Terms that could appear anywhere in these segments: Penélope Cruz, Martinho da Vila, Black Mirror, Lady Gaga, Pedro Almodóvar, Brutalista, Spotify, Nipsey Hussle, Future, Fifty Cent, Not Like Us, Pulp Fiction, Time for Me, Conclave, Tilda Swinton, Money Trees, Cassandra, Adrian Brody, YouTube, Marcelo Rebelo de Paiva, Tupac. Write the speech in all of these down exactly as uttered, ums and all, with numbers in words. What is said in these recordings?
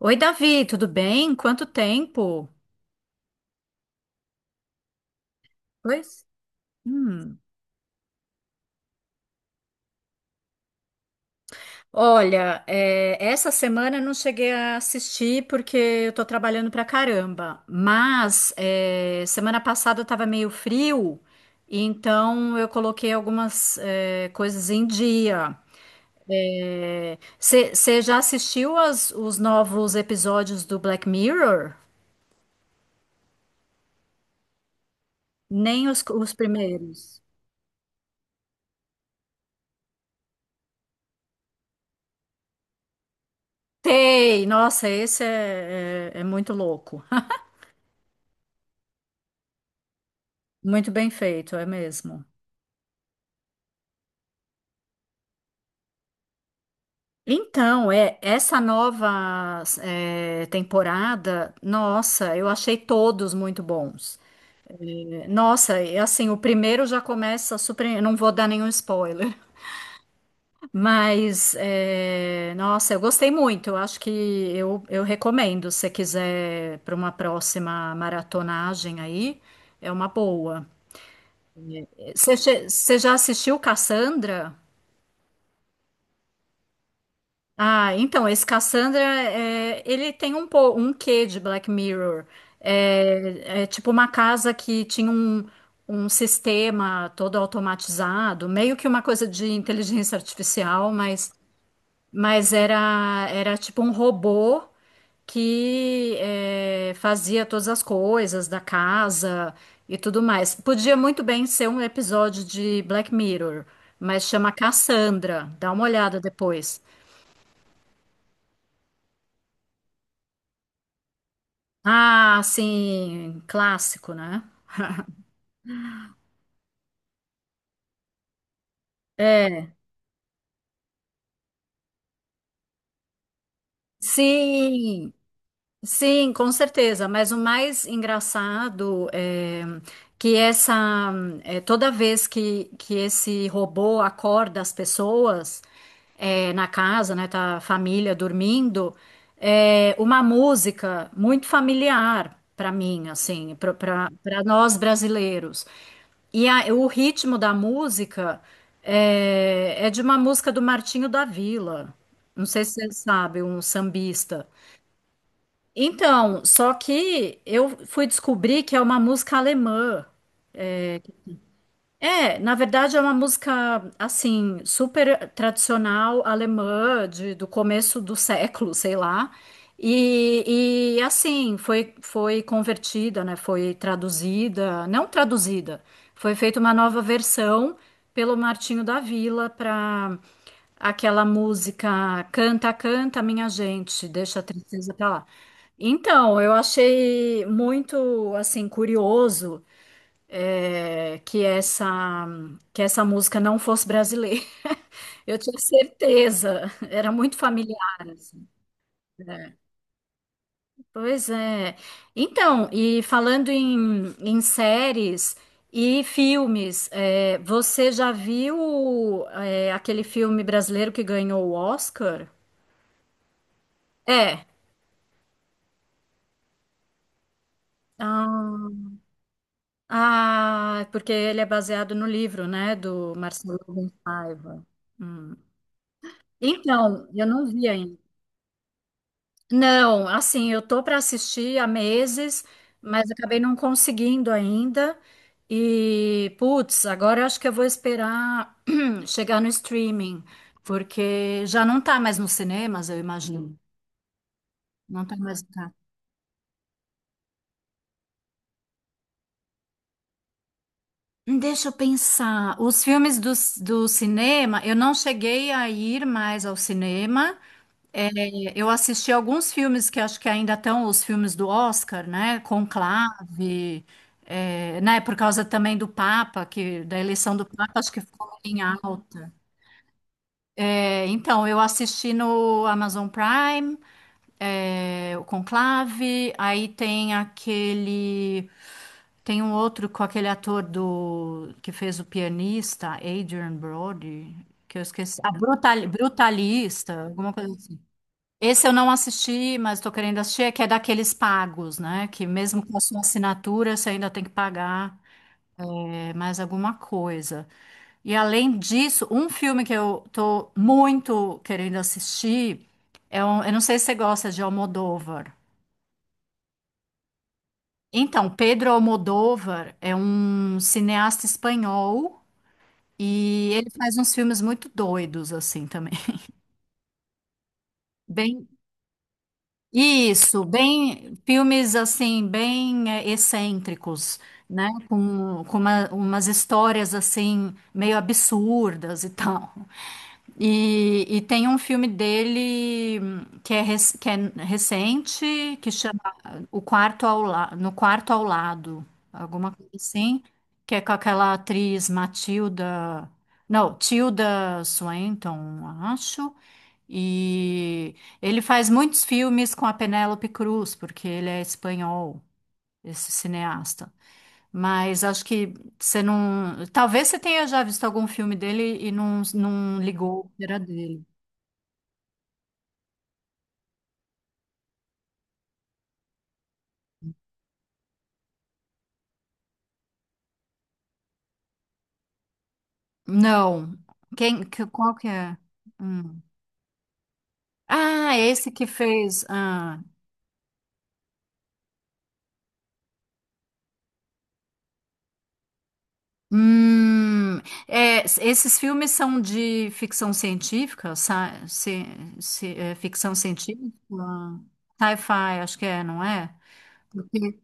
Oi, Davi, tudo bem? Quanto tempo? Pois. Hum. Olha, é, essa semana eu não cheguei a assistir porque eu tô trabalhando pra caramba. Mas é, semana passada tava meio frio, e então eu coloquei algumas é, coisas em dia. Você já assistiu as- os novos episódios do Black Mirror? Nem os, os primeiros. Sei, nossa, esse é é- é muito louco. Muito bem feito, é mesmo. Então, é essa nova é, temporada, nossa, eu achei todos muito bons. Nossa, e assim, o primeiro já começa super. Eu Não vou dar nenhum spoiler, mas é, nossa, eu gostei muito. Eu acho que eu, eu recomendo, se você quiser, para uma próxima maratonagem aí, é uma boa. Você che- você já assistiu Cassandra? Ah, então, esse Cassandra, é, ele tem um, po- um quê de Black Mirror. É, é tipo uma casa que tinha um, um sistema todo automatizado, meio que uma coisa de inteligência artificial, mas, mas era, era tipo um robô que é, fazia todas as coisas da casa e tudo mais. Podia muito bem ser um episódio de Black Mirror, mas chama Cassandra. Dá uma olhada depois. Ah, sim, clássico, né? É, sim. Sim, com certeza, mas o mais engraçado é que essa é, toda vez que, que esse robô acorda as pessoas é, na casa, né, tá a família dormindo, é uma música muito familiar para mim, assim, para nós brasileiros. E a- o ritmo da música é, é de uma música do Martinho da Vila. Não sei se você sabe, um sambista. Então, só que eu fui descobrir que é uma música alemã. É, na verdade é uma música assim super tradicional alemã de, do começo do século, sei lá. E, e assim foi foi convertida, né? Foi traduzida, não traduzida, foi feita uma nova versão pelo Martinho da Vila para aquela música Canta, canta, minha gente, deixa a tristeza pra lá. Então, eu achei muito assim curioso é, que essa que essa música não fosse brasileira. Eu tinha certeza, era muito familiar, assim. É, pois é. Então, e falando em, em séries e filmes, é, você já viu é, aquele filme brasileiro que ganhou o Oscar? É. Ah, ah, porque ele é baseado no livro, né, do Marcelo Rebelo de Paiva. Hum. Então, eu não vi ainda. Não, assim, eu tô para assistir há meses, mas acabei não conseguindo ainda. E, putz, agora eu acho que eu vou esperar chegar no streaming, porque já não tá mais nos cinemas, eu imagino. Não tá mais. Tá. Hum, deixa eu pensar. Os filmes do, do cinema, eu não cheguei a ir mais ao cinema. É, eu assisti alguns filmes que acho que ainda estão os filmes do Oscar, né? Conclave, é, né? Por causa também do Papa, que da eleição do Papa, acho que ficou em alta. É, então, eu assisti no Amazon Prime, é, o Conclave, aí tem aquele. Tem um outro com aquele ator do que fez o pianista, Adrian Brody, que eu esqueci. Ah, Brutal, Brutalista, alguma coisa assim. Esse eu não assisti, mas estou querendo assistir, é que é daqueles pagos, né? Que mesmo com a sua assinatura, você ainda tem que pagar é, mais alguma coisa. E além disso, um filme que eu tô muito querendo assistir é um, eu não sei se você gosta de Almodóvar. Então, Pedro Almodóvar é um cineasta espanhol e ele faz uns filmes muito doidos assim também. Bem. Isso, bem, filmes assim, bem eh, excêntricos, né? Com, com uma- umas histórias assim, meio absurdas e tal. E, e tem um filme dele hum, que é, rec- que é recente, que chama o quarto ao la... No quarto ao lado, alguma coisa assim, que é com aquela atriz Matilda. Não, Tilda Swinton, acho. E ele faz muitos filmes com a Penélope Cruz, porque ele é espanhol, esse cineasta. Mas acho que você não. Talvez você tenha já visto algum filme dele e não, não ligou que era dele. Não. Quem, que- qual que é? Hum. Ah, esse que fez. Ah, hum, é, s- esses filmes são de ficção científica, sci- ci- ci- é, ficção científica, sci-fi, acho que é, não é? Porque-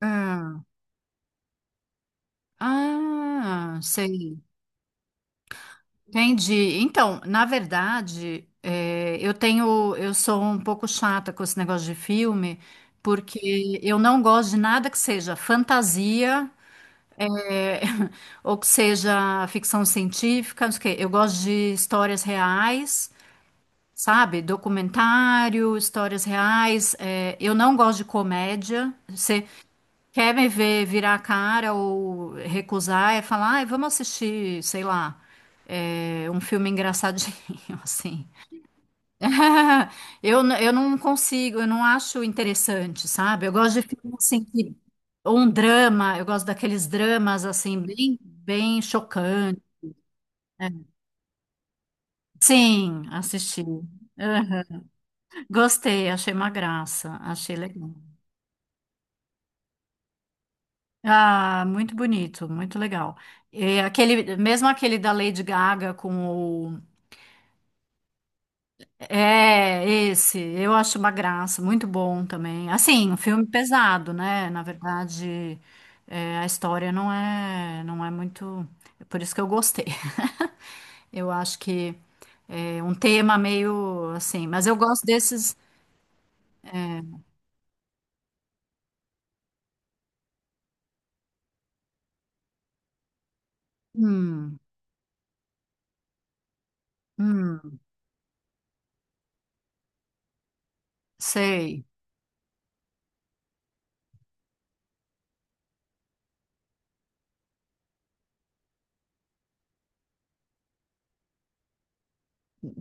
ah, ah, sei, entendi. Então, na verdade, é, eu tenho, eu sou um pouco chata com esse negócio de filme, porque eu não gosto de nada que seja fantasia, é, ou que seja ficção científica, não sei o quê. Eu gosto de histórias reais. Sabe, documentário, histórias reais. É, eu não gosto de comédia. Você quer me ver virar a cara ou recusar, é falar, ai, vamos assistir, sei lá, é, um filme engraçadinho, assim. Eu, n- eu não consigo, eu não acho interessante, sabe? Eu gosto de filme assim, que, ou um drama, eu gosto daqueles dramas assim, bem, bem chocantes. Né? Sim, assisti. Aham. Gostei, achei uma graça, achei legal. Ah, muito bonito, muito legal. É, aquele, mesmo aquele da Lady Gaga com o. É, esse, eu acho uma graça, muito bom também. Assim, um filme pesado, né? Na verdade, é, a história não é, não é muito. É por isso que eu gostei. Eu acho que é um tema meio assim, mas eu gosto desses. É, hum, hum, sei,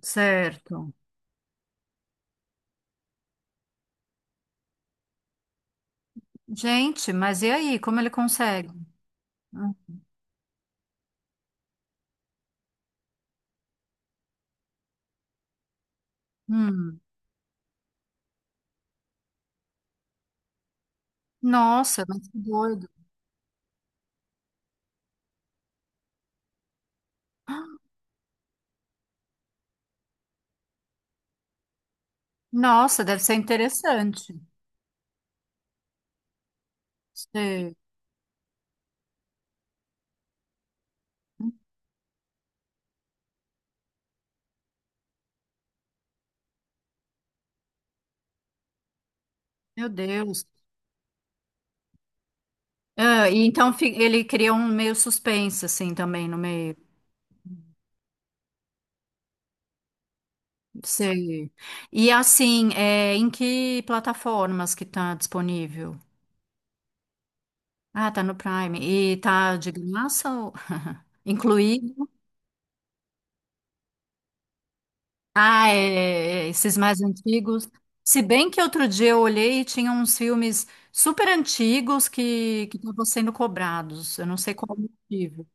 certo. Gente, mas e aí, como ele consegue? Hum. Nossa, mas que doido. Nossa, deve ser interessante. Sei. Meu Deus. Ah, e então fi- ele cria um meio suspense, assim, também, no meio. Sei. E assim, é, em que plataformas que tá disponível? Ah, tá no Prime. E tá de graça? Ou- incluído? Ah, é, é, é, esses mais antigos. Se bem que outro dia eu olhei e tinha uns filmes super antigos que que estavam sendo cobrados. Eu não sei qual o motivo.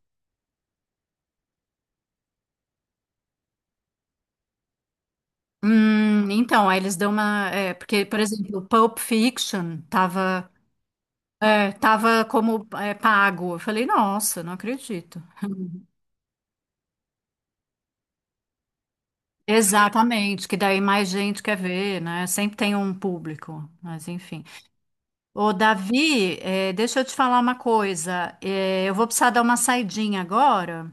Hum, então, aí eles dão uma. É, porque, por exemplo, Pulp Fiction tava, é, tava como é, pago. Eu falei, nossa, não acredito. Exatamente, que daí mais gente quer ver, né? Sempre tem um público, mas enfim. Ô, Davi, eh, deixa eu te falar uma coisa. Eh, eu vou precisar dar uma saidinha agora.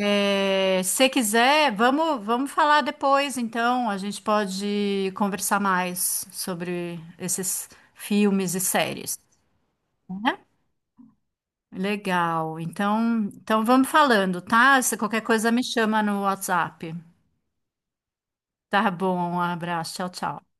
Eh, se quiser, vamos, vamos falar depois, então. A gente pode conversar mais sobre esses filmes e séries, né? Legal. Então, então vamos falando, tá? Se qualquer coisa me chama no WhatsApp. Tá bom, um abraço. Tchau, tchau.